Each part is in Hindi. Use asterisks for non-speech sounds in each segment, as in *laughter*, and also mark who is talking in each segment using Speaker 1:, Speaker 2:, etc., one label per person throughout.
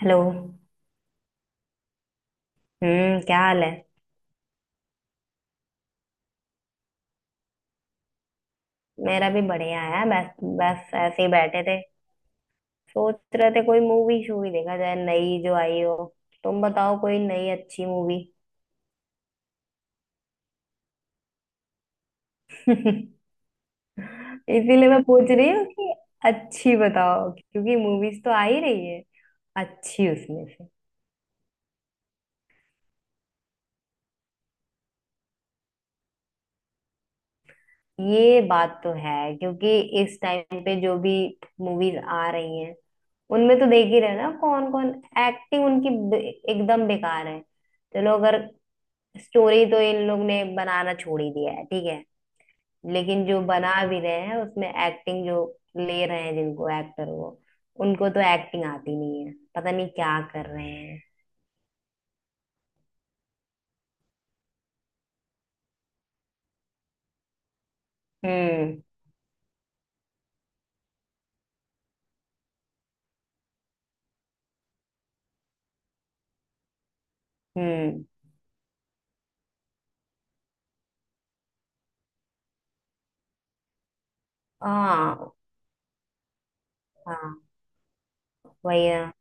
Speaker 1: हेलो। हम्म, क्या हाल है। मेरा भी बढ़िया है। बस बस ऐसे ही बैठे थे, सोच रहे थे कोई मूवी शूवी देखा जाए नई जो आई हो। तुम बताओ कोई नई अच्छी मूवी। *laughs* इसीलिए मैं पूछ रही हूँ कि अच्छी बताओ, क्योंकि मूवीज तो आ ही रही है, अच्छी उसमें से। ये बात तो है, क्योंकि इस टाइम पे जो भी मूवीज आ रही हैं उनमें तो देख ही रहे हो ना कौन कौन। एक्टिंग उनकी बे- एकदम बेकार है। चलो अगर स्टोरी तो इन लोग ने बनाना छोड़ ही दिया है, ठीक है, लेकिन जो बना भी रहे हैं उसमें एक्टिंग जो ले रहे हैं जिनको एक्टर, वो उनको तो एक्टिंग आती नहीं है, पता नहीं क्या कर रहे हैं। हम्म। हम्म। हाँ। हाँ। वही ना।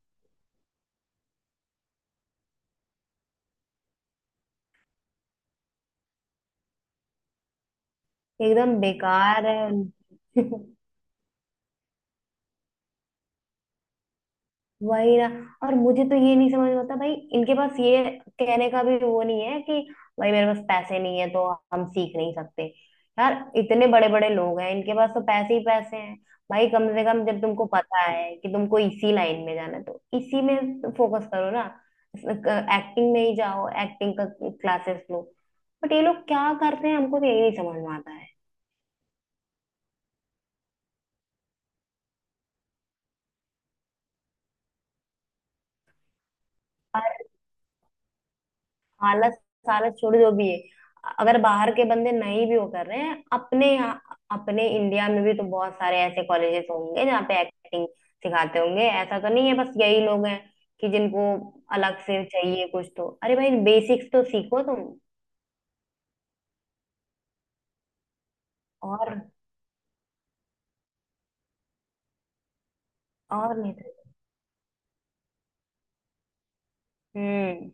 Speaker 1: एकदम बेकार है *laughs* वही ना। और मुझे तो ये नहीं समझ में आता भाई, इनके पास ये कहने का भी वो नहीं है कि भाई मेरे पास पैसे नहीं है तो हम सीख नहीं सकते। यार इतने बड़े बड़े लोग हैं, इनके पास तो पैसे ही पैसे हैं। भाई कम से कम जब तुमको पता है कि तुमको इसी लाइन में जाना है तो इसी में फोकस करो ना। एक्टिंग में ही जाओ, एक्टिंग का क्लासेस लो। बट ये लोग क्या करते हैं, हमको तो यही नहीं समझ में आता। है। हालत सालत छोड़ जो भी है, अगर बाहर के बंदे नहीं भी वो कर रहे हैं अपने यहाँ अपने इंडिया में भी तो बहुत सारे ऐसे कॉलेजेस होंगे जहाँ पे एक्टिंग सिखाते होंगे, ऐसा तो नहीं है बस यही लोग हैं कि जिनको अलग से चाहिए कुछ तो। अरे भाई बेसिक्स तो सीखो तुम। और। और नहीं तो। हम्म।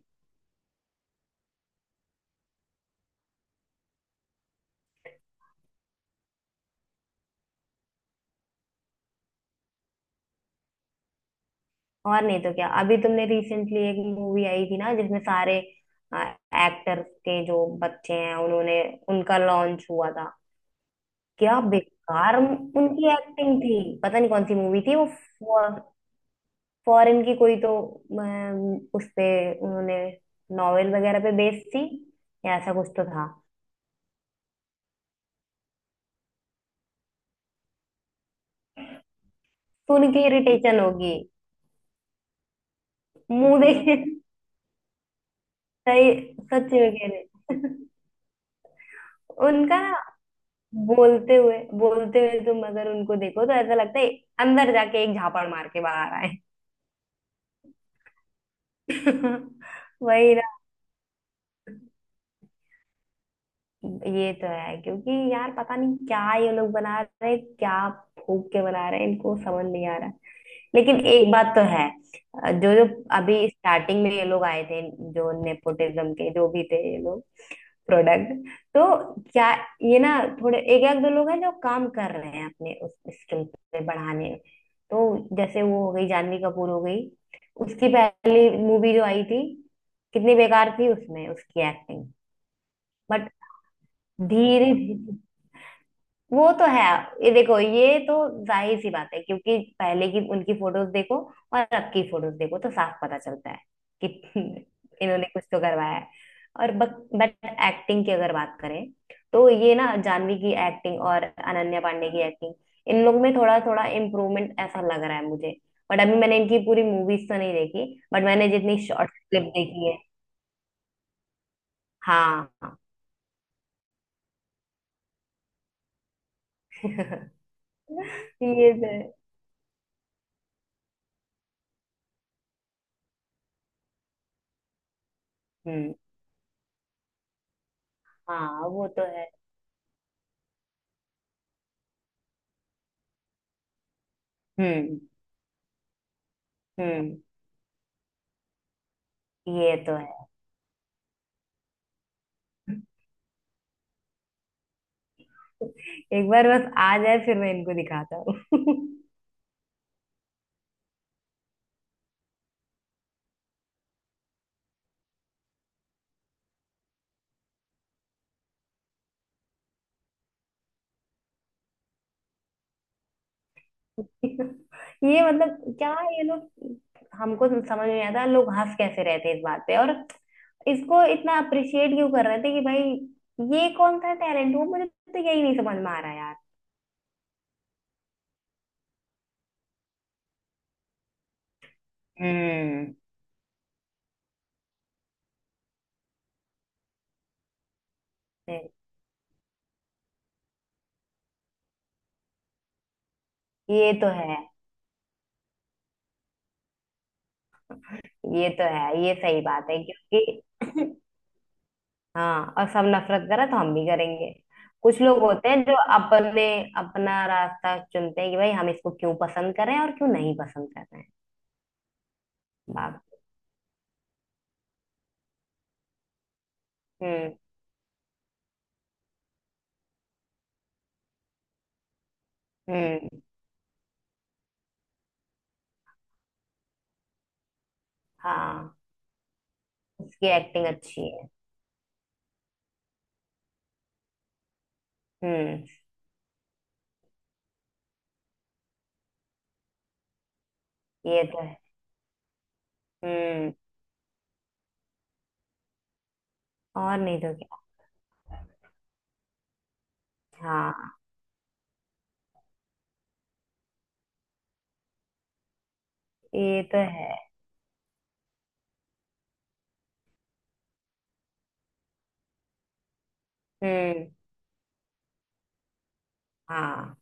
Speaker 1: और नहीं तो क्या, अभी तुमने रिसेंटली एक मूवी आई थी ना जिसमें सारे एक्टर्स के जो बच्चे हैं उन्होंने उनका लॉन्च हुआ था। क्या बेकार उनकी एक्टिंग थी, पता नहीं कौन सी मूवी थी वो। फॉरेन की कोई तो, उस पे उन्होंने नॉवेल वगैरह पे बेस्ड थी, या ऐसा कुछ तो था। सुन के इरिटेशन होगी। मुंह देखे। सही। सच में कह रहे। *laughs* उनका ना बोलते हुए तुम अगर उनको देखो तो ऐसा लगता है अंदर जाके एक झापड़ मार के बाहर आए। *laughs* वही। ये तो है, क्योंकि यार पता नहीं क्या ये लोग बना रहे हैं, क्या फूक के बना रहे हैं, इनको समझ नहीं आ रहा। लेकिन एक बात तो है। जो जो अभी स्टार्टिंग में ये लोग आए थे, जो नेपोटिज्म के जो भी थे ये लोग, प्रोडक्ट, तो क्या ये ना थोड़े एक एक दो लोग हैं जो काम कर रहे हैं अपने उस स्किल पे बढ़ाने में। तो जैसे वो हो गई जानवी कपूर हो गई, उसकी पहली मूवी जो आई थी कितनी बेकार थी उसमें उसकी एक्टिंग। बट धीरे धीरे। वो तो है। ये देखो ये तो जाहिर सी बात है, क्योंकि पहले की उनकी फोटोज देखो और अब की फोटोज देखो तो साफ पता चलता है कि *laughs* इन्होंने कुछ तो करवाया है। और बट एक्टिंग की अगर बात करें तो ये ना जाह्नवी की एक्टिंग और अनन्या पांडे की एक्टिंग, इन लोग में थोड़ा थोड़ा इम्प्रूवमेंट ऐसा लग रहा है मुझे। बट अभी मैंने इनकी पूरी मूवीज तो नहीं देखी। बट मैंने जितनी शॉर्ट क्लिप देखी है। हाँ। *laughs* ये तो है। हम्म। हाँ, वो तो है। हम्म। हम्म। ये तो है। एक बार बस आ जाए फिर मैं इनको दिखाता हूँ। *laughs* ये मतलब क्या ये लोग। हमको समझ नहीं आता लोग हंस कैसे रहते हैं इस बात पे, और इसको इतना अप्रिशिएट क्यों कर रहे थे कि भाई ये कौन सा टैलेंट हुआ, मुझे तो यही नहीं समझ में आ रहा यार। हम्म। ये तो है। ये तो है, ये सही बात है क्योंकि *laughs* हाँ। और सब नफरत करे तो हम भी करेंगे। कुछ लोग होते हैं जो अपने अपना रास्ता चुनते हैं कि भाई हम इसको क्यों पसंद कर रहे हैं और क्यों नहीं पसंद कर रहे हैं। बाप। हम्म। हम्म। हाँ। उसकी एक्टिंग अच्छी है। हम्म। ये तो है। हम्म। और नहीं तो क्या। हाँ। ये तो है। हम्म। हाँ।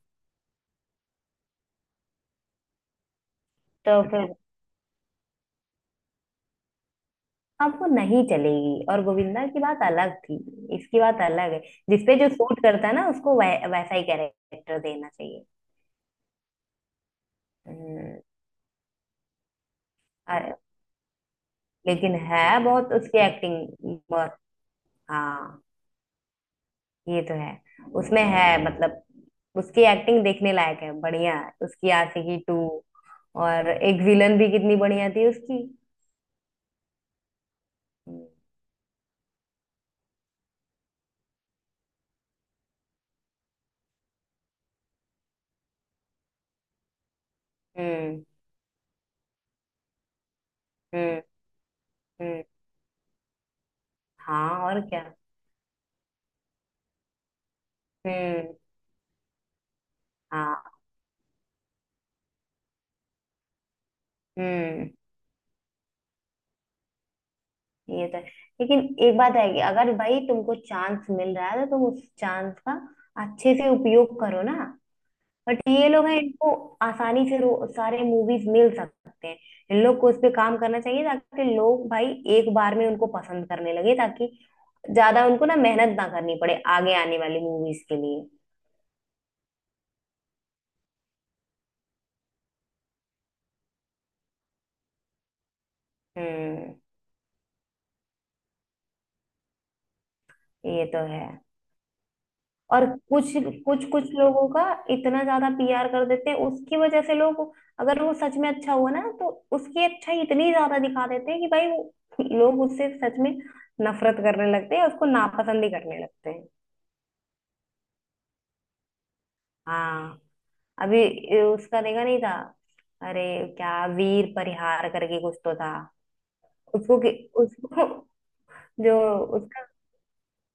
Speaker 1: तो फिर अब वो नहीं चलेगी, और गोविंदा की बात अलग थी, इसकी बात अलग है। जिसपे जो सूट करता है ना उसको वैसा ही कैरेक्टर देना चाहिए। हम्म। लेकिन है बहुत उसकी एक्टिंग बहुत। हाँ। ये तो है। उसमें है, मतलब उसकी एक्टिंग देखने लायक है, बढ़िया है। उसकी आशिकी टू और एक विलन भी कितनी बढ़िया थी उसकी। हम्म। हम्म। हम्म। हाँ और क्या। हम्म। हाँ। हम्म। ये तो है। लेकिन एक बात है कि अगर भाई तुमको चांस मिल रहा है तो तुम उस चांस का अच्छे से उपयोग करो ना। बट ये लोग हैं, इनको आसानी से सारे मूवीज मिल सकते हैं, इन लोग को उस पे काम करना चाहिए ताकि लोग भाई एक बार में उनको पसंद करने लगे, ताकि ज्यादा उनको ना मेहनत ना करनी पड़े आगे आने वाली मूवीज के लिए। हम्म। ये तो है। और कुछ कुछ कुछ लोगों का इतना ज्यादा पीआर कर देते हैं, उसकी वजह से लोग, अगर वो सच में अच्छा हुआ ना तो उसकी अच्छाई इतनी ज्यादा दिखा देते हैं कि भाई वो *laughs* लोग उससे सच में नफरत करने लगते हैं, उसको नापसंद ही करने लगते हैं। हाँ। अभी ये उसका देखा नहीं था। अरे क्या वीर परिहार करके कुछ तो था, उसको कि, उसको *laughs* जो उसका,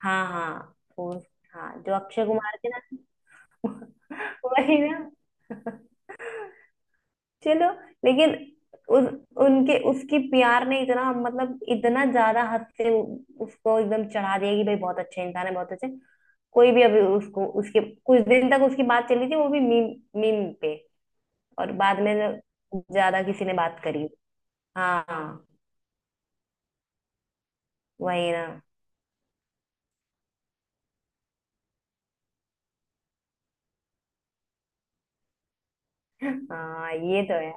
Speaker 1: हाँ हाँ उस, हाँ जो अक्षय कुमार के ना। *laughs* वही ना। चलो, लेकिन उस उनके उसकी प्यार ने इतना मतलब इतना ज्यादा हद से उसको एकदम चढ़ा दिया कि भाई बहुत अच्छा इंसान है, बहुत अच्छे। कोई भी अभी उसको उसके कुछ दिन तक उसकी बात चली थी, वो भी मीम मीम पे। और बाद में ज्यादा किसी ने बात करी। हाँ। वही ना। हाँ। ये तो है।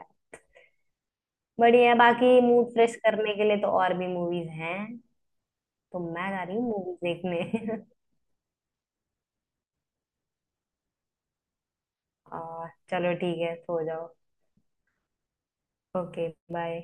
Speaker 1: बढ़िया है, बाकी मूड फ्रेश करने के लिए तो और भी मूवीज हैं। तो मैं जा रही हूँ मूवीज देखने। *laughs* और चलो ठीक है सो जाओ। Okay bye.